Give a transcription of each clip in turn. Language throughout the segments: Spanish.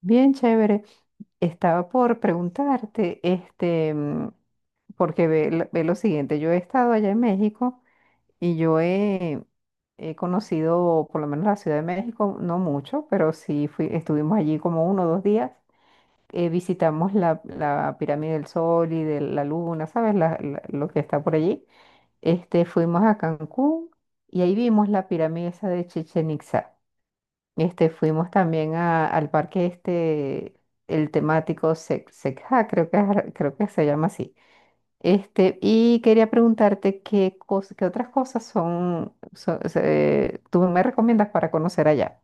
Bien, chévere. Estaba por preguntarte, porque ve, lo siguiente, yo he estado allá en México y he conocido por lo menos la Ciudad de México, no mucho, pero sí fui, estuvimos allí como uno o dos días. Visitamos la Pirámide del Sol y de la Luna, ¿sabes? Lo que está por allí. Fuimos a Cancún y ahí vimos la pirámide esa de Chichen Itza. Fuimos también al parque este, el temático Secja, creo que se llama así. Y quería preguntarte qué otras cosas son, tú me recomiendas para conocer allá.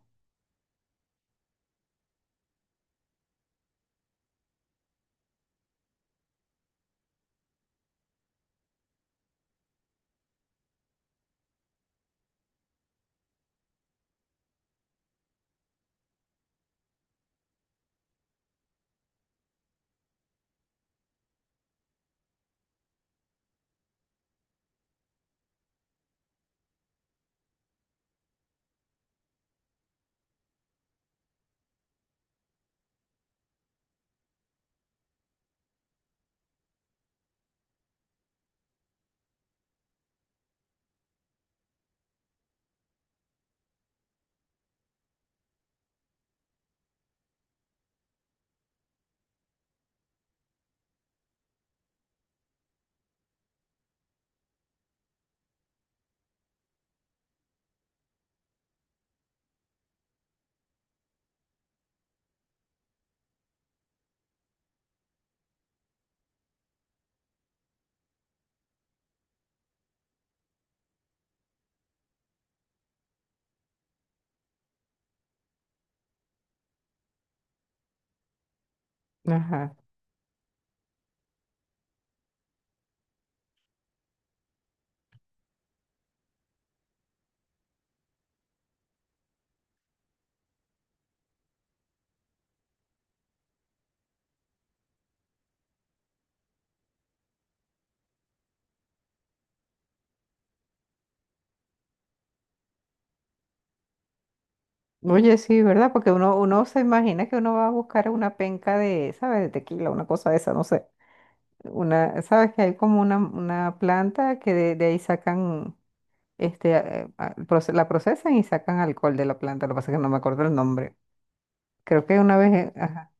Ajá. Oye, sí, ¿verdad? Porque uno se imagina que uno va a buscar una penca de, ¿sabes? De tequila, una cosa de esa, no sé. Una, ¿sabes? Que hay como una planta que de ahí sacan este, la procesan y sacan alcohol de la planta. Lo que pasa es que no me acuerdo el nombre. Creo que una vez, ajá,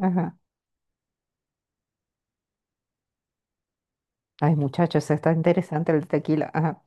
ajá. Ay, muchachos, está interesante el tequila. Ajá.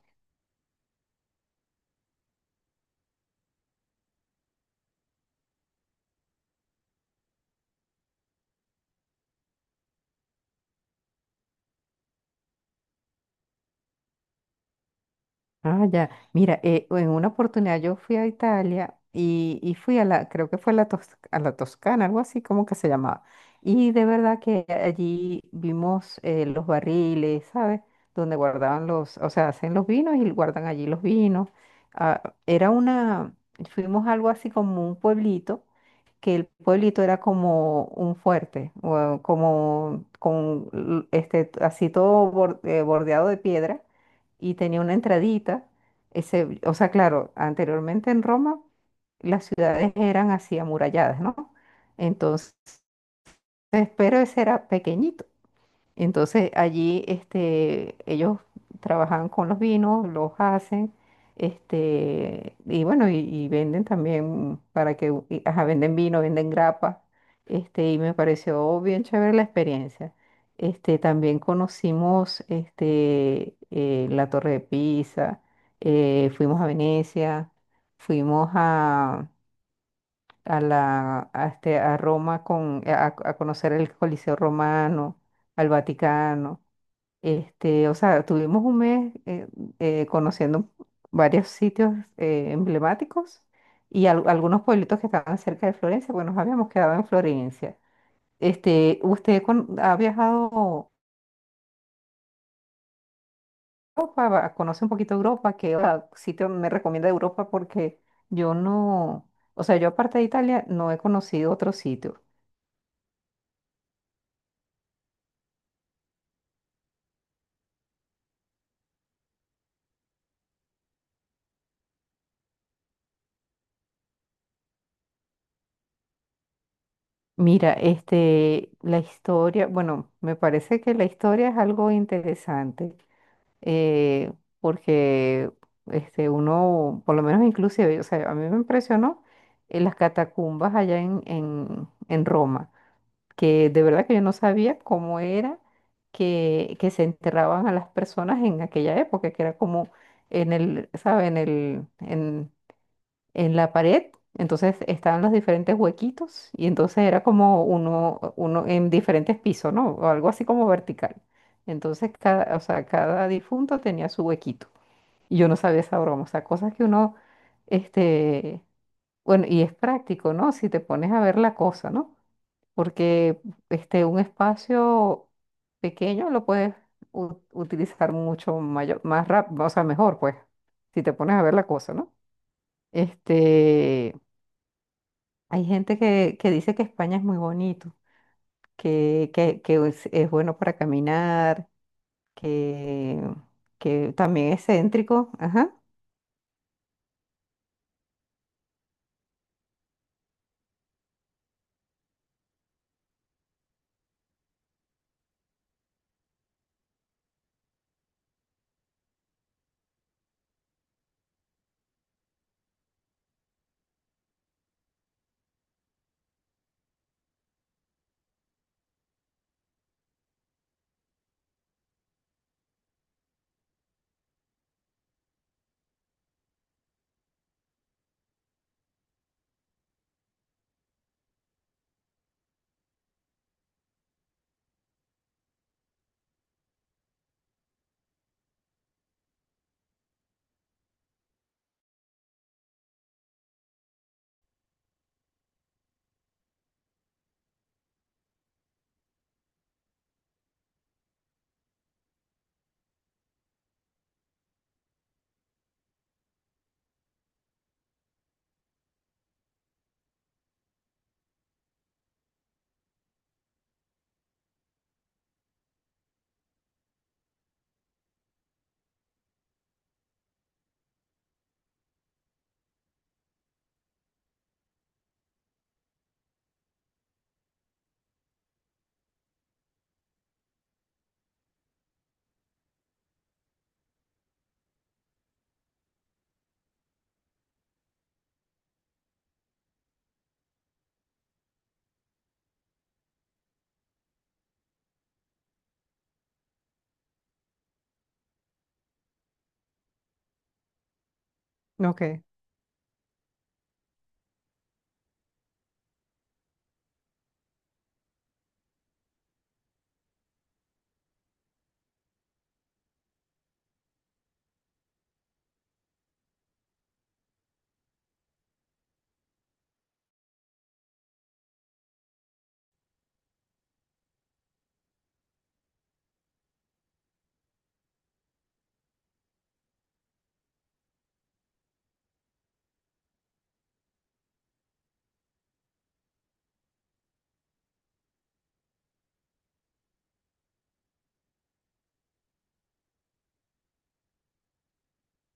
Ah, ya. Mira, en una oportunidad yo fui a Italia y fui a la, creo que fue a la, Tos- a la Toscana, algo así como que se llamaba. Y de verdad que allí vimos los barriles, ¿sabes? Donde guardaban los, o sea, hacen los vinos y guardan allí los vinos. Ah, era una, fuimos a algo así como un pueblito que el pueblito era como un fuerte, o como con así todo bordeado de piedra y tenía una entradita. Ese, o sea, claro, anteriormente en Roma las ciudades eran así amuralladas, ¿no? Entonces, pero ese era pequeñito. Entonces allí este, ellos trabajan con los vinos, los hacen, este, y bueno, y venden también para que, u- y, ajá, venden vino, venden grapa, este, y me pareció bien chévere la experiencia. Este, también conocimos este, la Torre de Pisa, fuimos a Venecia, fuimos a este, a Roma con, a conocer el Coliseo Romano, al Vaticano. Este, o sea, tuvimos un mes conociendo varios sitios emblemáticos y algunos pueblitos que estaban cerca de Florencia, pues nos habíamos quedado en Florencia. Este, ha viajado a Europa? ¿Conoce un poquito Europa? ¿Qué sitio me recomienda de Europa? Porque yo no, o sea, yo aparte de Italia no he conocido otro sitio. Mira, este, la historia, bueno, me parece que la historia es algo interesante. eh, Porque este, uno, por lo menos inclusive, o sea, a mí me impresionó las catacumbas allá en Roma, que de verdad que yo no sabía cómo era que se enterraban a las personas en aquella época, que era como en el, ¿sabe? En el, en la pared, entonces estaban los diferentes huequitos y entonces era como uno en diferentes pisos, ¿no? O algo así como vertical. Entonces cada, o sea, cada difunto tenía su huequito y yo no sabía esa broma, o sea, cosas que uno, este, bueno, y es práctico, ¿no? Si te pones a ver la cosa, ¿no? Porque este, un espacio pequeño lo puedes utilizar mucho mayor, más rápido, o sea, mejor, pues, si te pones a ver la cosa, ¿no? Este, hay gente que dice que España es muy bonito, que es bueno para caminar, que, que también es céntrico. Ajá, Ok.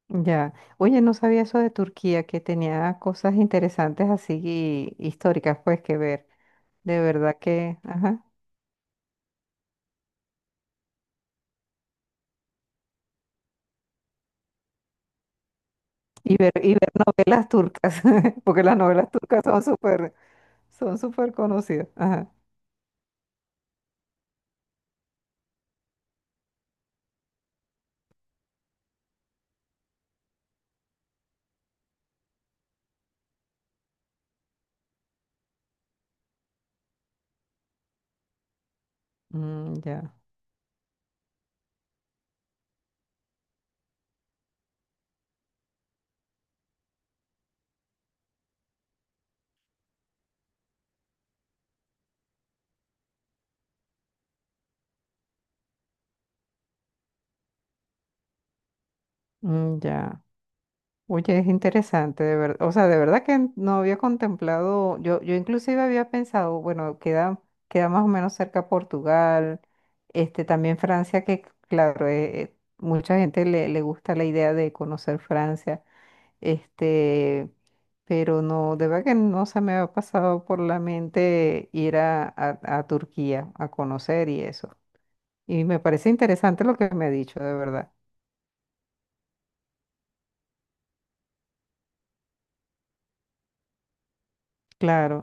Ya. Oye, no sabía eso de Turquía, que tenía cosas interesantes así históricas, pues, que ver. De verdad que, ajá. Y ver novelas turcas, porque las novelas turcas son súper conocidas. Ajá. Mm, ya. Mm, ya. Oye, es interesante, de verdad. O sea, de verdad que no había contemplado, yo inclusive había pensado, bueno, queda, queda más o menos cerca Portugal, este, también Francia, que claro, mucha gente le gusta la idea de conocer Francia, este, pero no, de verdad que no se me había pasado por la mente ir a Turquía a conocer y eso. Y me parece interesante lo que me ha dicho, de verdad. Claro,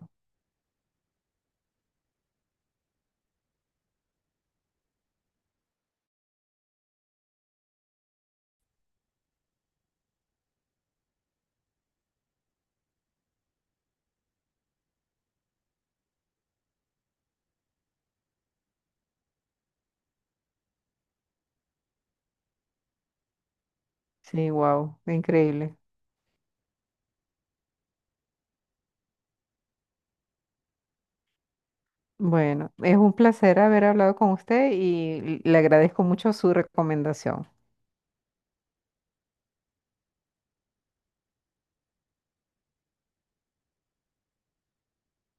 sí, wow, increíble. Bueno, es un placer haber hablado con usted y le agradezco mucho su recomendación.